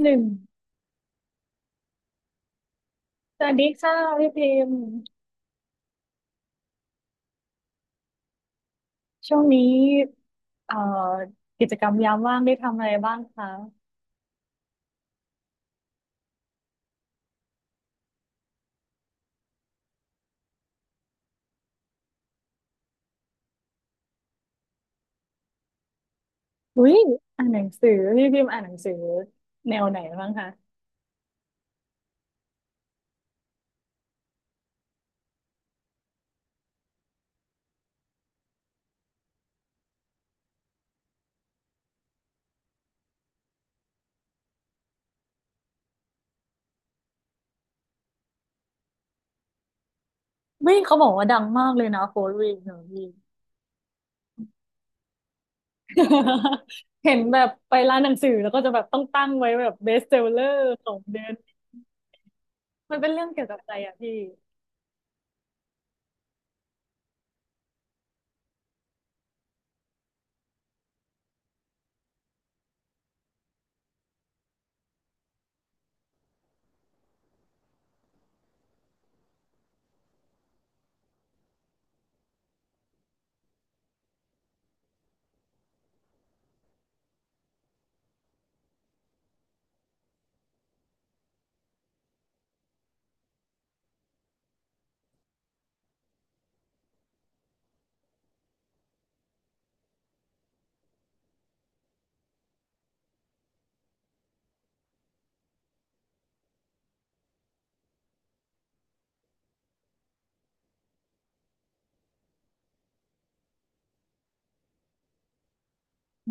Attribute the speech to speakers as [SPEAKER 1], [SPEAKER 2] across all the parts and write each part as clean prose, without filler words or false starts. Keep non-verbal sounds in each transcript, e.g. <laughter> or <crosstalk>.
[SPEAKER 1] หนึ่งสวัสดีค่ะพี่พิมพ์ช่วงนี้เอ่อกิจกรรมยามว่างได้ทำอะไรบ้างคะอุ้ยอ่านหนังสือพี่พิมพ์อ่านหนังสือแนวไหนบ้างคะไม่เขาบอกว่าดังมากเลยนะโค้ดวีคหนูพี่ <laughs> เห็นแบบไปร้านหนังสือแล้วก็จะแบบต้องตั้งไว้แบบเบสเซลเลอร์ของเดือนมันเป็นเรื่องเกี่ยวกับอะไรอะพี่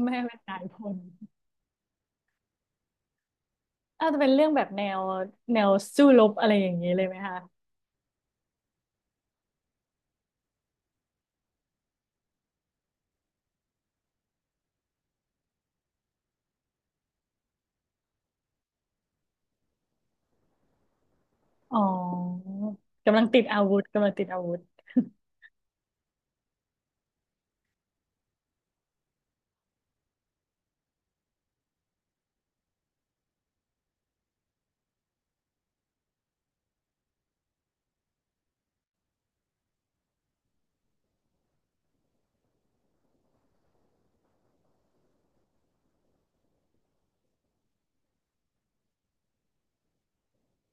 [SPEAKER 1] แม่แม่นายพลอาจจะเป็นเรื่องแบบแนวแนวสู้รบอะไรอย่างนี้เลยไหมคะ อ๋อกำลังติดอาวุธกำลังติดอาวุธ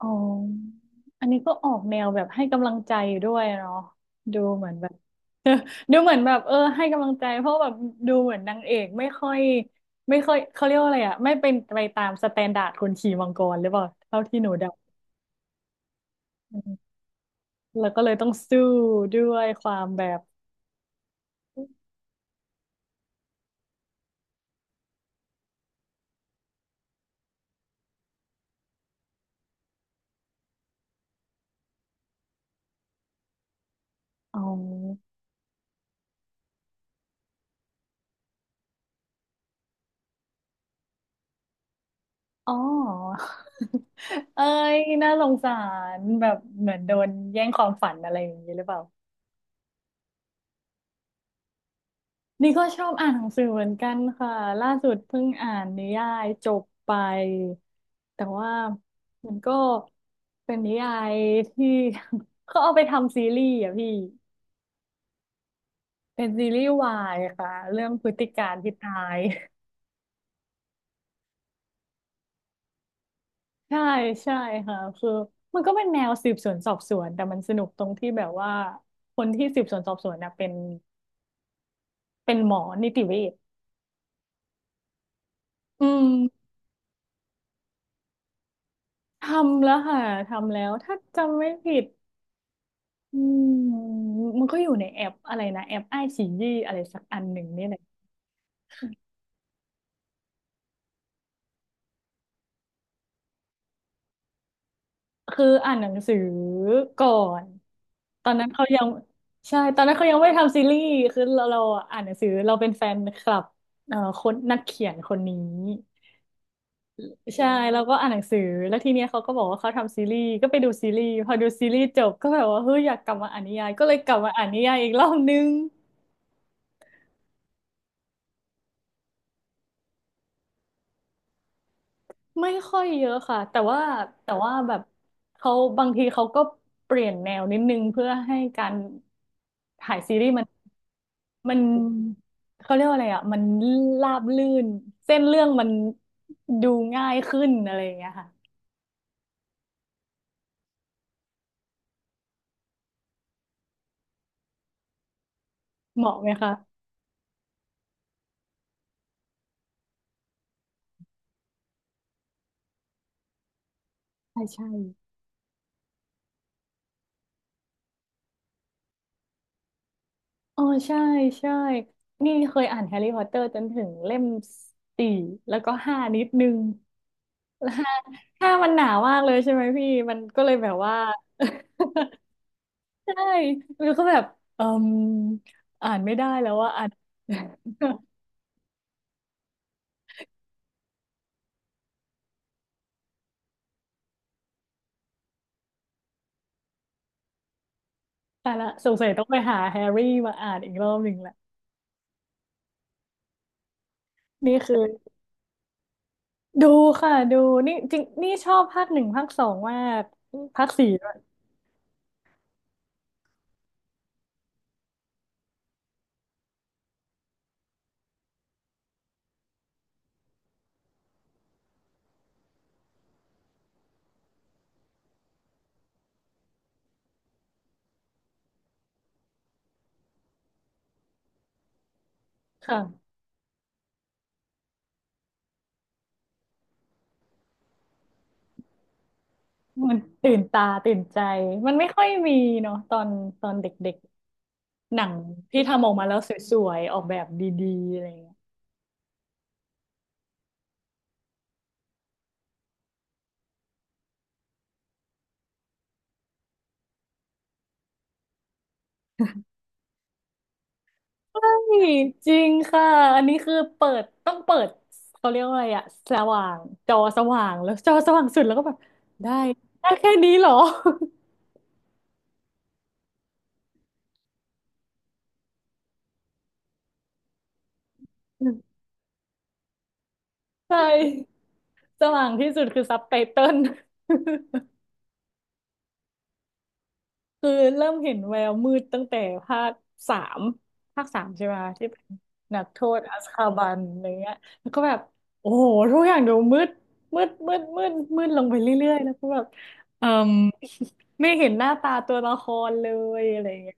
[SPEAKER 1] อ๋ออันนี้ก็ออกแนวแบบให้กำลังใจด้วยเนาะดูเหมือนแบบ <laughs> ดูเหมือนแบบเออให้กำลังใจเพราะแบบดูเหมือนนางเอกไม่ค่อยไม่ค่อยเขาเรียกว่าอะไรอะไม่เป็นไปตามสแตนดาร์ดคนขี่มังกรหรือเปล่าเท่าที่หนูเดาอืมแล้วก็เลยต้องสู้ด้วยความแบบอ๋ออ๋อ <laughs> เอ้ยน่าสงสารแบบเหมือนโดนแย่งความฝันอะไรอย่างนี้หรือเปล่า นี่ก็ชอบอ่านหนังสือเหมือนกันค่ะล่าสุดเพิ่งอ่านนิยายจบไปแต่ว่ามันก็เป็นนิยายที่ <laughs> เขาเอาไปทำซีรีส์อ่ะพี่เป็นซีรีส์วายค่ะเรื่องพฤติการที่ตาย <laughs> ใช่ใช่ค่ะคือมันก็เป็นแนวสืบสวนสอบสวนแต่มันสนุกตรงที่แบบว่าคนที่สืบสวนสอบสวนนะเป็นเป็นหมอนิติเวชอืมทำแล้วค่ะทำแล้วถ้าจำไม่ผิด อืมมันก็อยู่ในแอปอะไรนะแอปไอซียี่อะไรสักอันหนึ่งนี่แหละคืออ่านหนังสือก่อนตอนนั้นเขายังใช่ตอนนั้นเขายังไม่ทำซีรีส์คือเราเราอ่านหนังสือเราเป็นแฟนคลับคนนักเขียนคนนี้ใช่แล้วก็อ่านหนังสือแล้วทีเนี้ยเขาก็บอกว่าเขาทำซีรีส์ก็ไปดูซีรีส์พอดูซีรีส์จบก็แบบว่าเฮ้ยอยากกลับมาอ่านนิยายก็เลยกลับมาอ่านนิยายอีกรอบนึง ไม่ค่อยเยอะค่ะแต่ว่าแต่ว่าแบบเขาบางทีเขาก็เปลี่ยนแนวนิดนึงเพื่อให้การถ่ายซีรีส์มันมันเขาเรียกว่าอะไรอ่ะมันราบลื่นเส้นเรื่องมันดูง่ายขึ้นอะไรอย่างเงี้ยค่ะเหมาะไหมคะใช่ใช่อ๋อใช่ใช่นี่เคยอ่านแฮร์รี่พอตเตอร์จนถึงเล่มสี่แล้วก็ห้านิดนึงห้ามันหนามากเลยใช่ไหมพี่มันก็เลยแบบว่า <laughs> ใช่แล้วก็แบบเอ่มอ่านไม่ได้แล้วว่าอ่าน <laughs> แต่ละสงสัยต้องไปหาแฮร์รี่มาอ่านอีกรอบหนึ่งแหละนี่คือดูค่ะดูนี่จริงนี่ชอบภาคหนึ่งภาคสองมากภาคสี่ด้วยค่ะมันตื่นตาตื่นใจมันไม่ค่อยมีเนาะตอนตอนเด็กๆหนังที่ทำออกมาแล้วสวยๆออกแบบดีๆอะไรอย่างเงี้ย ใช่จริงค่ะอันนี้คือเปิดต้องเปิดเขาเรียกว่าอะไรอะสว่างจอสว่างแล้วจอสว่างสุดแล้วก็แบบได้ได้แค่นี้เหรอ <laughs> ใช่สว่างที่สุดคือซับไตเติล คือเริ่มเห็นแววมืดตั้งแต่ภาคสามภาคสามใช่ไหมที่เป็นนักโทษอัสคาบันอะไรเงี้ยแล้วก็แบบโอ้โหทุกอย่างดูมืดมืดมืดมืดมืดลงไปเรื่อยๆแล้วก็แบบเอ่ม <laughs> ไม่เห็นหน้าตาตัวละครเลยอะไรเงี้ย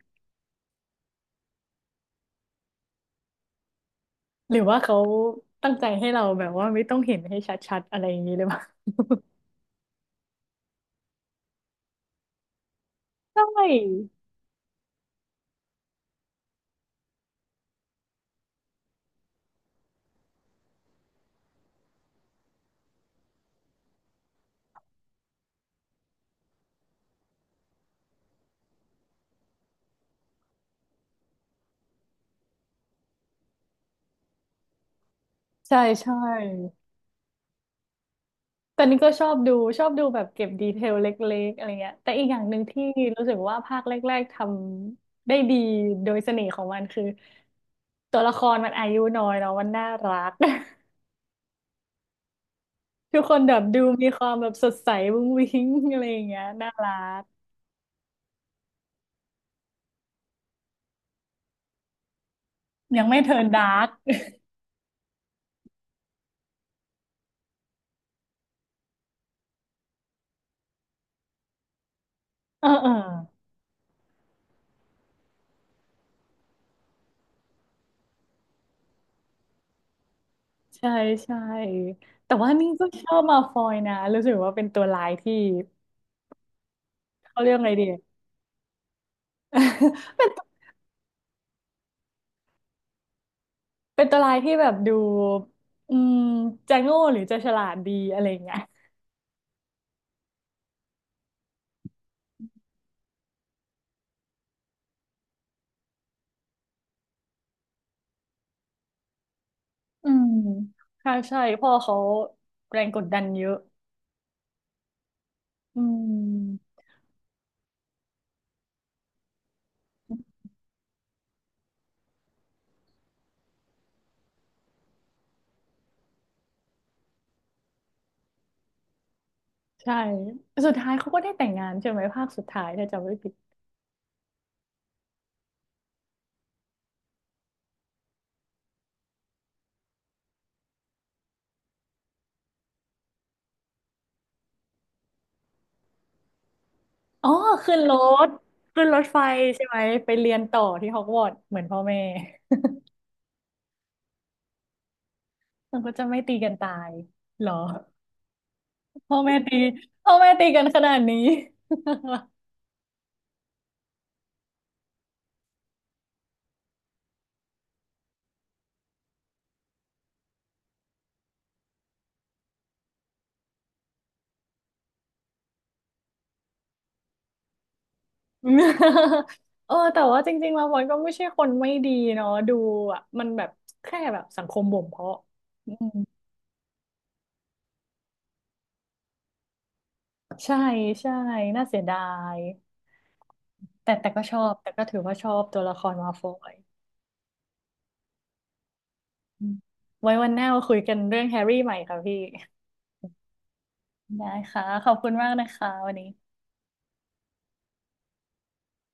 [SPEAKER 1] หรือว่าเขาตั้งใจให้เราแบบว่าไม่ต้องเห็นให้ชัดๆอะไรอย่างนี้หรือเปล่า <laughs> ใช่ใช่ใช่ แต่นี่ก็ชอบดูชอบดูแบบเก็บดีเทลเล็กๆอะไรเงี้ยแต่อีกอย่างหนึ่งที่รู้สึกว่าภาคแรกๆทำได้ดีโดยเสน่ห์ของมันคือตัวละครมันอายุน้อยเนาะมันน่ารัก <laughs> ทุกคนแบบดูมีความแบบสดใสวุ้งวิ้งอะไรอย่างเงี้ยน่ารักยังไม่เทิร์นดาร์ก <laughs> เออเออใช่ใช่แต่ว่านี่ก็ชอบมาฟอยนะรู้สึกว่าเป็นตัวร้ายที่เขาเรียกอะไรดี <laughs> เป็น เป็นตัวร้ายที่แบบดูอืมจะโง่หรือจะฉลาดดีอะไรอย่างเงี้ยอืมใช่ใช่พ่อเขาแรงกดดันเยอะอืมใช่สุดท้ายเขาก็ได้แต่งงานใช่ไหมภาคสุดท้ายถ้าจำไม่ผิดอ๋อขึ้นรถขึ้นรถไฟใช่ไหมไปเรียนต่อที่ฮอกวอตส์เหมือนพ่อแม่มันก็จะไม่ตีกันตายเหรอพ่อแม่ตีพ่อแม่ตีกันขนาดนี้ <laughs> อืม <laughs> เออแต่ว่าจริงๆแล้วมนก็ไม่ใช่คนไม่ดีเนาะดูอ่ะมันแบบแค่แบบสังคมบ่มเพาะอืมใช่ใช่น่าเสียดายแต่แต่ก็ชอบแต่ก็ถือว่าชอบตัวละครมาฟอยอืมไว้วันหน้ามาคุยกันเรื่องแฮร์รี่ใหม่ค่ะพี่ได้ค่ะขอบคุณมากนะคะวันนี้